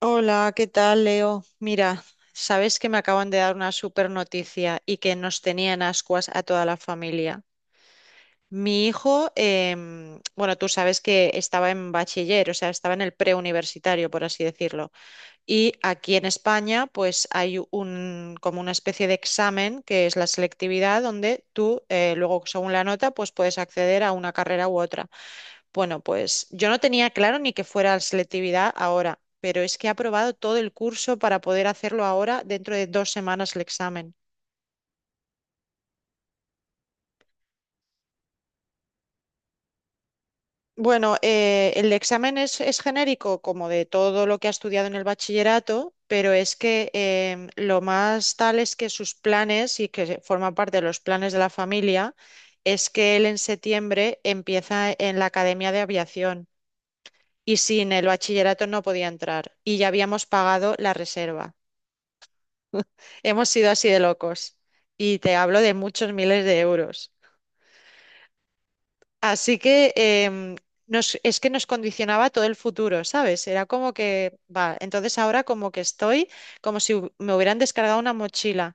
Hola, ¿qué tal, Leo? Mira, sabes que me acaban de dar una super noticia y que nos tenían ascuas a toda la familia. Mi hijo, bueno, tú sabes que estaba en bachiller, o sea, estaba en el preuniversitario, por así decirlo. Y aquí en España, pues hay como una especie de examen que es la selectividad, donde tú, luego, según la nota, pues puedes acceder a una carrera u otra. Bueno, pues yo no tenía claro ni que fuera selectividad ahora, pero es que he aprobado todo el curso para poder hacerlo ahora dentro de 2 semanas el examen. Bueno, el examen es genérico como de todo lo que ha estudiado en el bachillerato, pero es que lo más tal es que sus planes y que forma parte de los planes de la familia es que él en septiembre empieza en la Academia de Aviación y sin el bachillerato no podía entrar y ya habíamos pagado la reserva. Hemos sido así de locos y te hablo de muchos miles de euros. Así que es que nos condicionaba todo el futuro, ¿sabes? Era como que, va, entonces ahora como que estoy como si me hubieran descargado una mochila.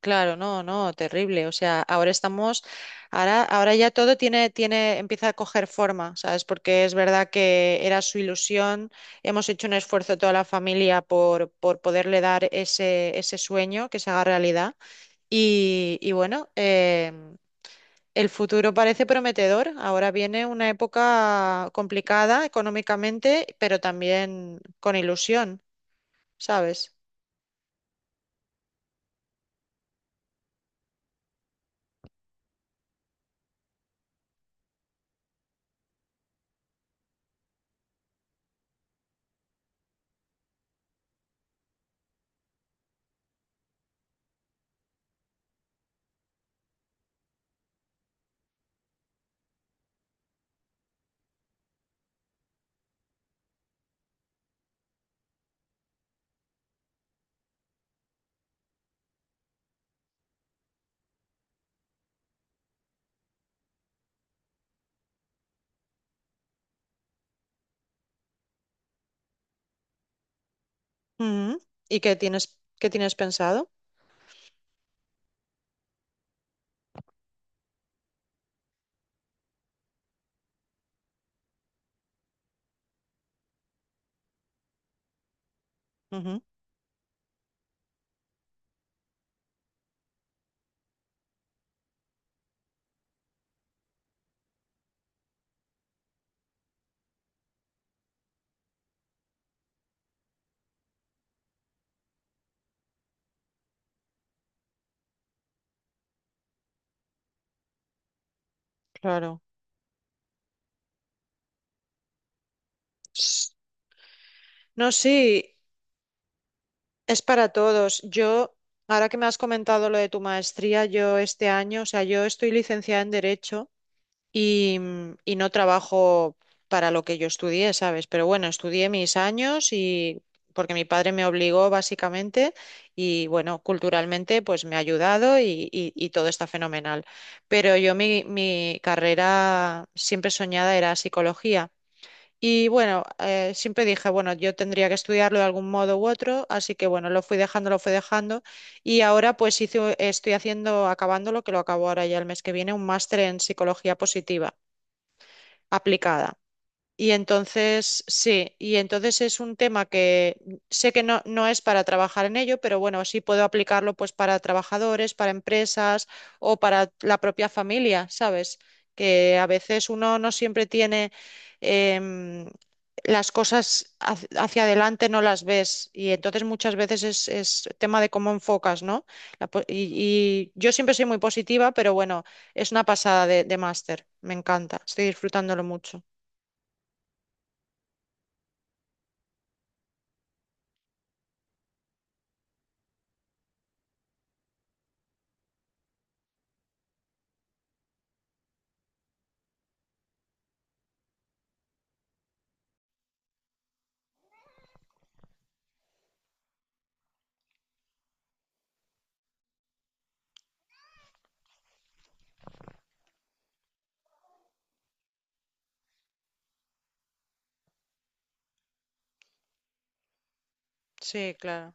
Claro, no, no, terrible. O sea, ahora estamos, ahora ya todo tiene, empieza a coger forma, ¿sabes? Porque es verdad que era su ilusión. Hemos hecho un esfuerzo toda la familia por poderle dar ese sueño que se haga realidad. Y bueno, el futuro parece prometedor. Ahora viene una época complicada económicamente, pero también con ilusión, ¿sabes? Ujú. ¿Y qué tienes pensado? Ujú, claro. S- No, sí, es para todos. Ahora que me has comentado lo de tu maestría, yo este año, o sea, yo estoy licenciada en Derecho y, y no trabajo para lo que yo estudié, ¿sabes? Pero bueno, estudié mis años y porque mi padre me obligó básicamente y bueno, culturalmente pues me ha ayudado y todo está fenomenal. Pero yo mi carrera siempre soñada era psicología. Y bueno, siempre dije, bueno, yo tendría que estudiarlo de algún modo u otro, así que bueno, lo fui dejando, lo fui dejando. Y ahora pues estoy haciendo, acabando lo que lo acabo ahora ya el mes que viene, un máster en psicología positiva aplicada. Y entonces, sí, y entonces es un tema que sé que no, no es para trabajar en ello, pero bueno, sí puedo aplicarlo pues para trabajadores, para empresas o para la propia familia, ¿sabes? Que a veces uno no siempre tiene em, las cosas hacia adelante, no las ves. Y entonces muchas veces es tema de cómo enfocas, ¿no? La po- y, y yo siempre soy muy positiva, pero bueno, es una pasada de máster. Me encanta, estoy disfrutándolo mucho. Sí, claro.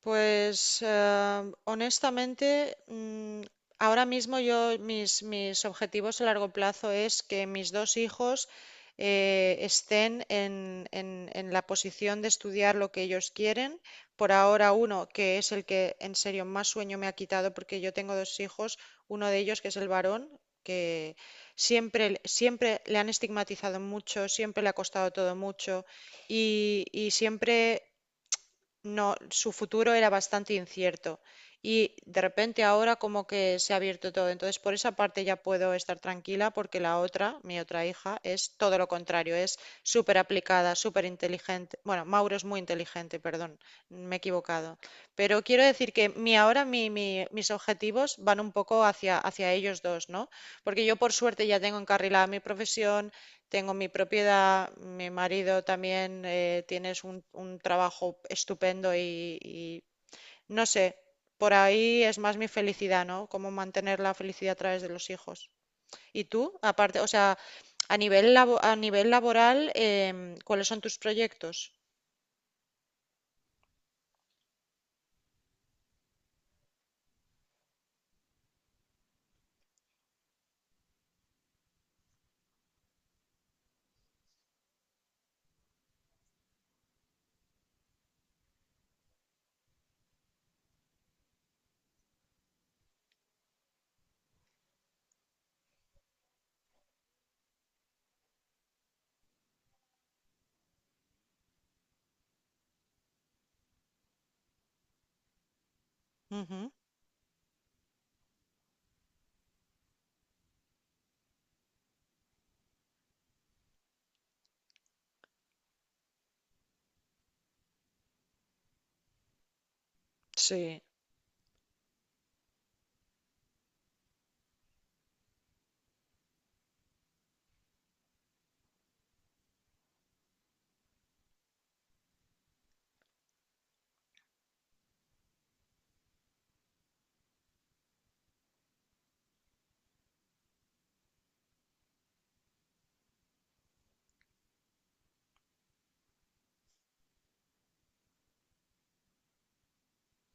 Pues honestamente, ahora mismo yo mis objetivos a largo plazo es que mis 2 hijos estén en la posición de estudiar lo que ellos quieren. Por ahora uno, que es el que en serio más sueño me ha quitado porque yo tengo 2 hijos, uno de ellos que es el varón, que siempre, siempre le han estigmatizado mucho, siempre le ha costado todo mucho y siempre. No, su futuro era bastante incierto y de repente ahora como que se ha abierto todo. Entonces, por esa parte ya puedo estar tranquila porque la otra, mi otra hija, es todo lo contrario, es súper aplicada, súper inteligente. Bueno, Mauro es muy inteligente, perdón, me he equivocado. Pero quiero decir que mi ahora mis objetivos van un poco hacia, hacia ellos 2, ¿no? Porque yo por suerte ya tengo encarrilada mi profesión, tengo mi propiedad, mi marido también tienes un trabajo estupendo y no sé, por ahí es más mi felicidad, ¿no? Cómo mantener la felicidad a través de los hijos. ¿Y tú? Aparte, o sea, a nivel a nivel laboral, ¿cuáles son tus proyectos? Ujú, sí,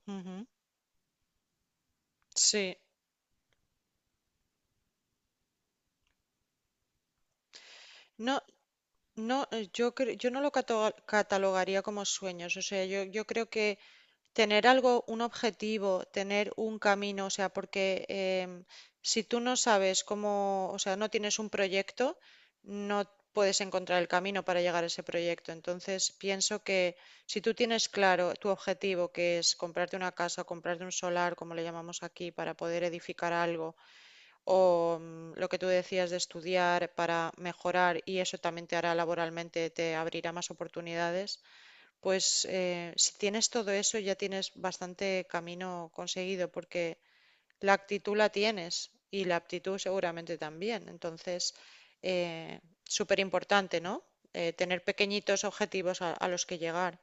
ujú, sí. No, no, yo yo no lo catalogaría como sueños. O sea, yo creo que tener algo, un objetivo, tener un camino, o sea, porque si tú no sabes cómo, o sea, no tienes un proyecto, no puedes encontrar el camino para llegar a ese proyecto. Entonces, pienso que si tú tienes claro tu objetivo, que es comprarte una casa, comprarte un solar, como le llamamos aquí, para poder edificar algo, o lo que tú decías de estudiar para mejorar, y eso también te hará laboralmente, te abrirá más oportunidades. Pues si tienes todo eso ya tienes bastante camino conseguido porque la actitud la tienes y la aptitud seguramente también. Entonces, súper importante, ¿no? Tener pequeñitos objetivos a los que llegar.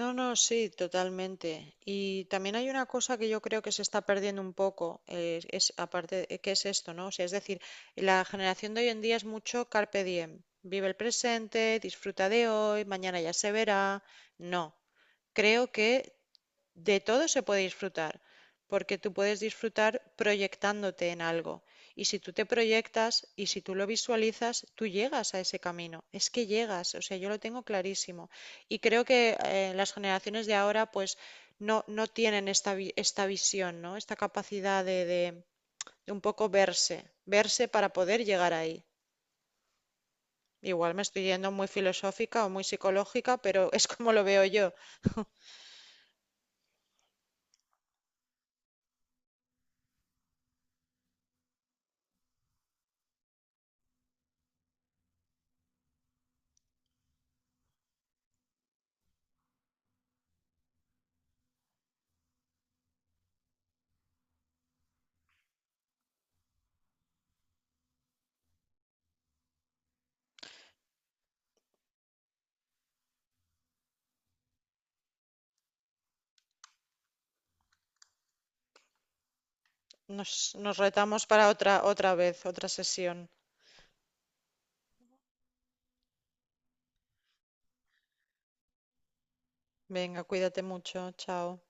No, no, sí, totalmente. Y también hay una cosa que yo creo que se está perdiendo un poco, es aparte, ¿qué es esto, no? O sea, es decir, la generación de hoy en día es mucho carpe diem. Vive el presente, disfruta de hoy, mañana ya se verá. No, creo que de todo se puede disfrutar, porque tú puedes disfrutar proyectándote en algo. Y si tú te proyectas y si tú lo visualizas, tú llegas a ese camino. Es que llegas, o sea, yo lo tengo clarísimo. Y creo que las generaciones de ahora, pues, no, no tienen esta, esta visión, ¿no? Esta capacidad de un poco verse, verse para poder llegar ahí. Igual me estoy yendo muy filosófica o muy psicológica, pero es como lo veo yo. Nos retamos para otra, otra vez, otra sesión. Venga, cuídate mucho, chao.